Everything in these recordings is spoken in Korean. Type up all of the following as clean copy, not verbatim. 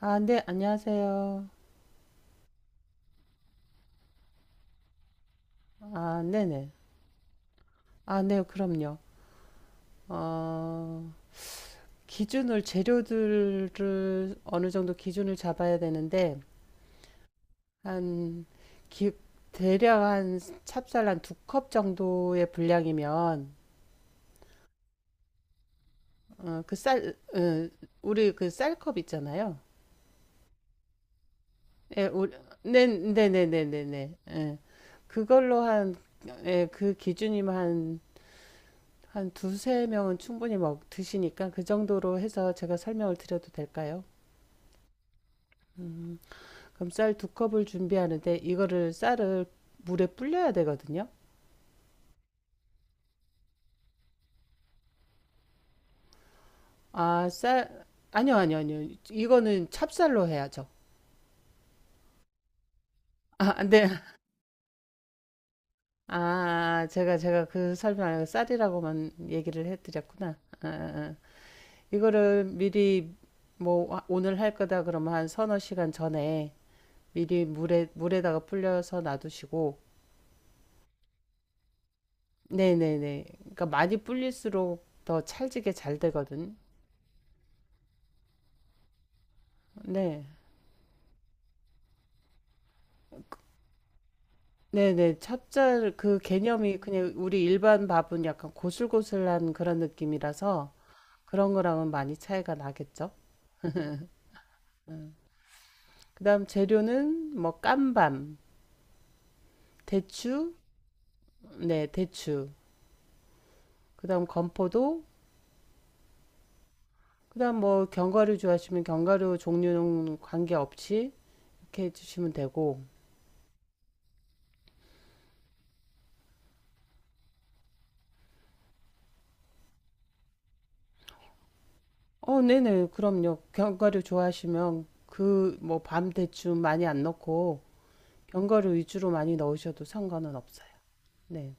아, 네, 안녕하세요. 아, 네네. 아, 네, 그럼요. 어, 기준을, 재료들을 어느 정도 기준을 잡아야 되는데, 한, 기, 대략 한 찹쌀 한 두컵 정도의 분량이면, 어, 그 쌀, 어, 우리 그 쌀컵 있잖아요. 예, 우리, 네, 네네네네네. 예. 그걸로 한, 예, 그 기준이면 한 한 두세 명은 충분히 먹 드시니까 그 정도로 해서 제가 설명을 드려도 될까요? 음, 그럼 쌀 두 컵을 준비하는데 이거를 쌀을 물에 불려야 되거든요. 아, 쌀 아니요, 아니요, 아니요. 이거는 찹쌀로 해야죠. 아, 네. 아, 제가 그 설명 안 하고 쌀이라고만 얘기를 해드렸구나. 아, 아, 아. 이거를 미리 뭐 오늘 할 거다 그러면 한 서너 시간 전에 미리 물에다가 불려서 놔두시고 네네네. 그러니까 많이 불릴수록 더 찰지게 잘 되거든. 네. 네네. 찹쌀 그 개념이 그냥 우리 일반 밥은 약간 고슬고슬한 그런 느낌이라서 그런 거랑은 많이 차이가 나겠죠. 그다음 재료는 뭐 깐밤, 대추, 네, 대추. 그다음 건포도, 그다음 뭐 견과류 좋아하시면 견과류 종류는 관계없이 이렇게 해주시면 되고, 네네. 그럼요. 견과류 좋아하시면 그 뭐 밤 대추 많이 안 넣고 견과류 위주로 많이 넣으셔도 상관은 없어요. 네.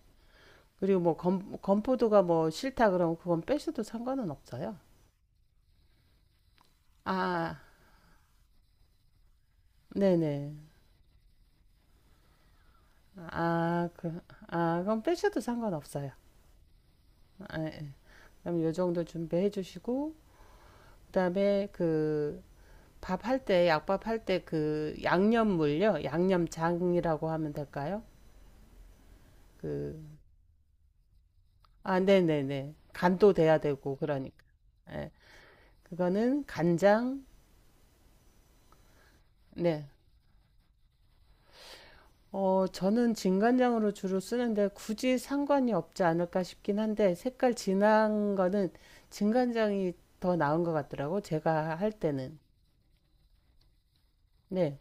그리고 뭐 건포도가 뭐 싫다 그러면 그건 빼셔도 상관은 없어요. 아, 네네. 아, 그, 아, 그럼 빼셔도 상관없어요. 아, 예. 그럼 요 정도 준비해 주시고, 그다음에 그 밥할 때, 약밥 할 때 그 양념물요. 양념장이라고 하면 될까요? 그 아, 네네네. 간도 돼야 되고, 그러니까. 예. 그거는 간장, 네. 저는 진간장으로 주로 쓰는데 굳이 상관이 없지 않을까 싶긴 한데 색깔 진한 거는 진간장이 더 나은 것 같더라고, 제가 할 때는. 네,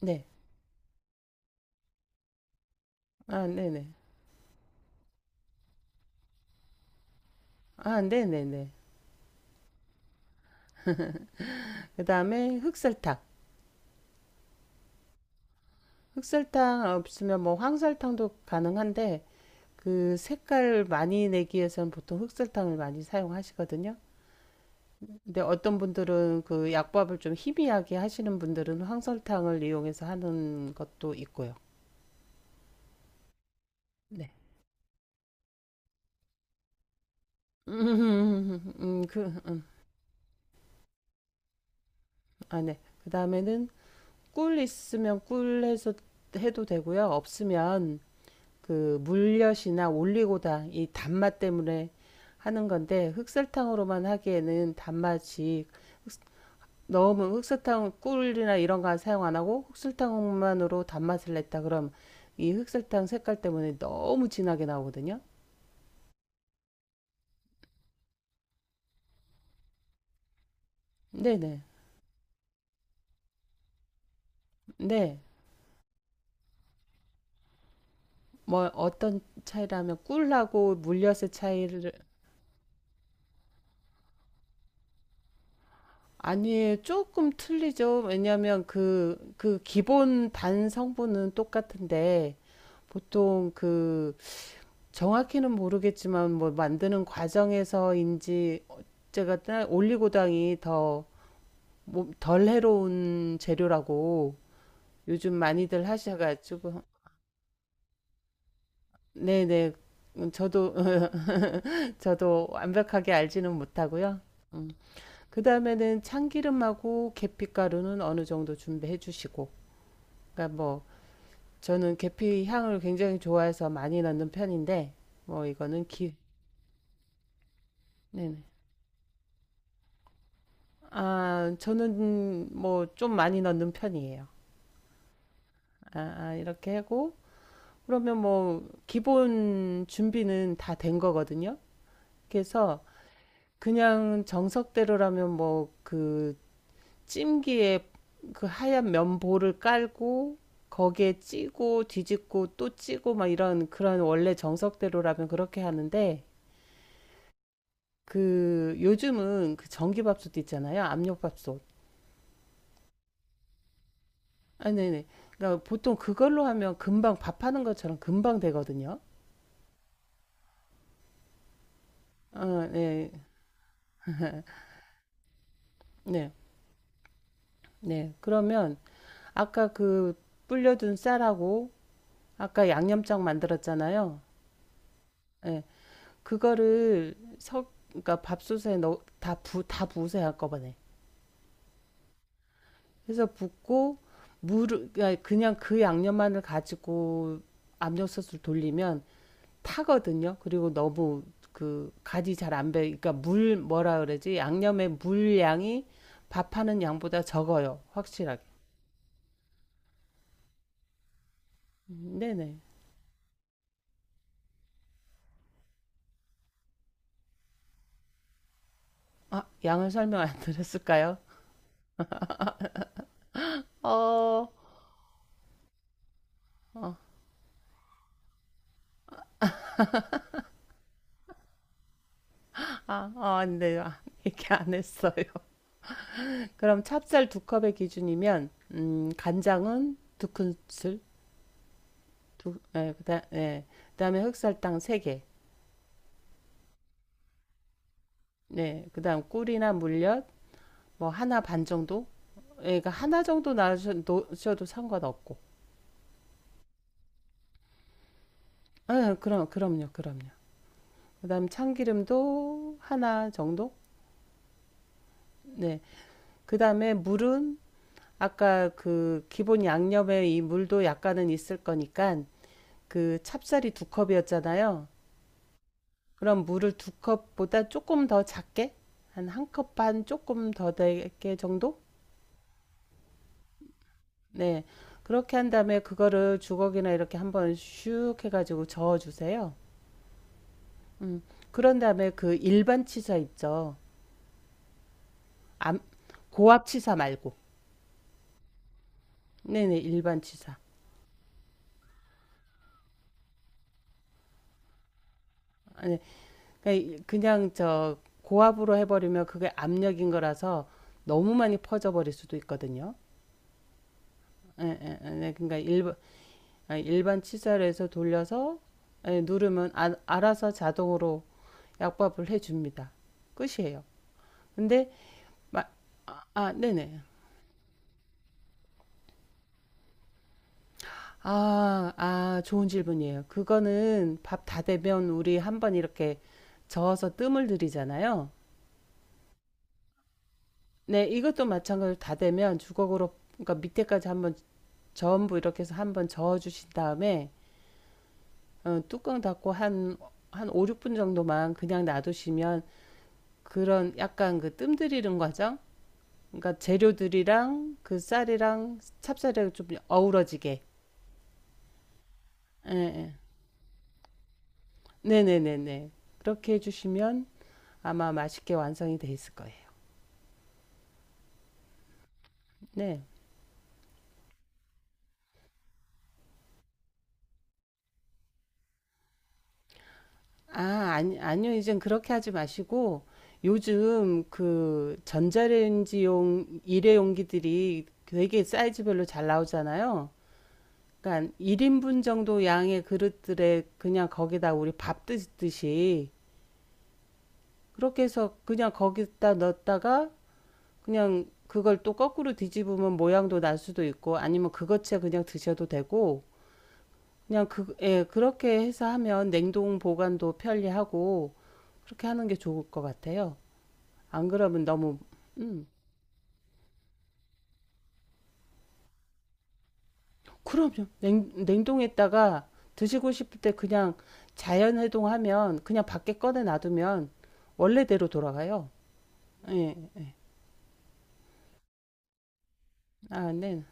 네. 아, 네네. 아, 네네네. 그 다음에 흑설탕. 흑설탕 없으면 뭐 황설탕도 가능한데 그 색깔 많이 내기 위해서는 보통 흑설탕을 많이 사용하시거든요. 근데 어떤 분들은 그 약밥을 좀 희미하게 하시는 분들은 황설탕을 이용해서 하는 것도 있고요. 네. 음, 음, 그, 음, 아, 네. 그 다음에는 꿀 있으면 꿀 해서 해도 되고요. 없으면 그 물엿이나 올리고당 이 단맛 때문에 하는 건데 흑설탕으로만 하기에는 단맛이 너무 흑설탕 꿀이나 이런 거 사용 안 하고 흑설탕만으로 단맛을 냈다 그럼 이 흑설탕 색깔 때문에 너무 진하게 나오거든요. 네네. 네. 뭐 어떤 차이라면 꿀하고 물엿의 차이를 아니에요. 조금 틀리죠. 왜냐하면 그 기본 단 성분은 똑같은데 보통 그 정확히는 모르겠지만 뭐 만드는 과정에서인지 제가 올리고당이 더 뭐 덜 해로운 재료라고 요즘 많이들 하셔가지고 네네 저도 저도 완벽하게 알지는 못하고요. 음. 그 다음에는 참기름하고 계피가루는 어느 정도 준비해 주시고 그러니까 뭐 저는 계피 향을 굉장히 좋아해서 많이 넣는 편인데 뭐 이거는 기 네네 아 저는 뭐 좀 많이 넣는 편이에요. 아, 아 이렇게 하고 그러면 뭐 기본 준비는 다 된 거거든요. 그래서 그냥 정석대로라면 뭐 그 찜기에 그 하얀 면보를 깔고 거기에 찌고 뒤집고 또 찌고 막 이런 그런 원래 정석대로라면 그렇게 하는데 그 요즘은 그 전기밥솥 있잖아요. 압력밥솥. 아, 네네. 그러니까 보통 그걸로 하면 금방 밥하는 것처럼 금방 되거든요. 아, 네. 네. 네. 그러면 아까 그 불려둔 쌀하고 아까 양념장 만들었잖아요. 예. 그거를 그러니까 밥솥에 다 부으세요, 한꺼번에. 그래서 붓고, 물을, 그 그냥 그 양념만을 가지고 압력솥을 돌리면 타거든요. 그리고 너무 그 간이 잘 안 배, 그러니까 물, 뭐라 그러지? 양념의 물량이 밥하는 양보다 적어요. 확실하게. 네네. 아, 양을 설명 안 드렸을까요? 어, 어, 아, 아, 네, 아, 얘기 안 했어요. 그럼 찹쌀 두 컵의 기준이면 간장은 두 큰술, 두, 예, 예, 그다음에 흑설탕 세 개, 네, 그다음 꿀이나 물엿 뭐 하나 반 정도, 예, 그러니까 하나 정도 넣으셔도 상관없고, 예, 그럼요, 그럼요. 그다음 참기름도 하나 정도, 네, 그다음에 물은 아까 그 기본 양념에 이 물도 약간은 있을 거니까 그 찹쌀이 두 컵이었잖아요. 그럼 물을 두 컵보다 조금 더 작게 한 한 컵 반 조금 더 되게 정도? 네. 그렇게 한 다음에 그거를 주걱이나 이렇게 한번 슉 해가지고 저어주세요. 음. 그런 다음에 그 일반 치사 있죠. 암, 고압 치사 말고. 네네, 일반 치사. 아니, 그냥, 저 고압으로 해버리면 그게 압력인 거라서 너무 많이 퍼져버릴 수도 있거든요. 예, 예, 예. 네, 그러니까 일반 치사로 해서 돌려서 누르면 알아서 자동으로 약밥을 해줍니다. 끝이에요. 근데 마- 아, 아, 네네. 아, 아, 좋은 질문이에요. 그거는 밥 다 되면 우리 한번 이렇게 저어서 뜸을 들이잖아요. 네, 이것도 마찬가지로 다 되면 주걱으로 그러니까 밑에까지 한번 전부 이렇게 해서 한번 저어 주신 다음에 뚜껑 닫고 한 한 5, 6분 정도만 그냥 놔두시면 그런 약간 그 뜸들이는 과정 그러니까 재료들이랑 그 쌀이랑 찹쌀이랑 좀 어우러지게. 예, 예. 네네네네. 그렇게 해주시면 아마 맛있게 완성이 돼 있을 거예요. 네. 아, 아니, 아니요. 이젠 그렇게 하지 마시고 요즘 그 전자레인지용 일회용기들이 되게 사이즈별로 잘 나오잖아요. 그러니까 1인분 정도 양의 그릇들에 그냥 거기다 우리 밥 드듯이 그렇게 해서 그냥 거기다 넣었다가 그냥 그걸 또 거꾸로 뒤집으면 모양도 날 수도 있고 아니면 그것째 그냥 드셔도 되고 그냥 그, 예, 그렇게 해서 하면 냉동 보관도 편리하고 그렇게 하는 게 좋을 것 같아요. 안 그러면 너무 음, 그럼요. 냉동했다가 드시고 싶을 때 그냥 자연 해동하면 그냥 밖에 꺼내 놔두면 원래대로 돌아가요. 예. 아, 네.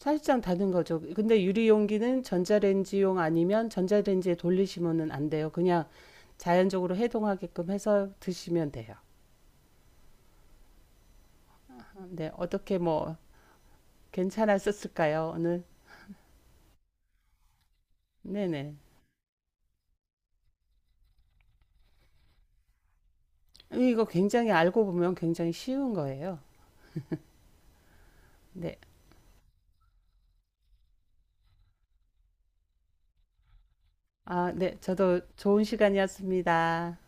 사실상 다른 거죠. 근데 유리용기는 전자레인지용 아니면 전자레인지에 돌리시면은 안 돼요. 그냥 자연적으로 해동하게끔 해서 드시면 돼요. 네, 어떻게 뭐 괜찮았었을까요? 오늘? 네네. 이거 굉장히 알고 보면 굉장히 쉬운 거예요. 네. 아, 네. 저도 좋은 시간이었습니다.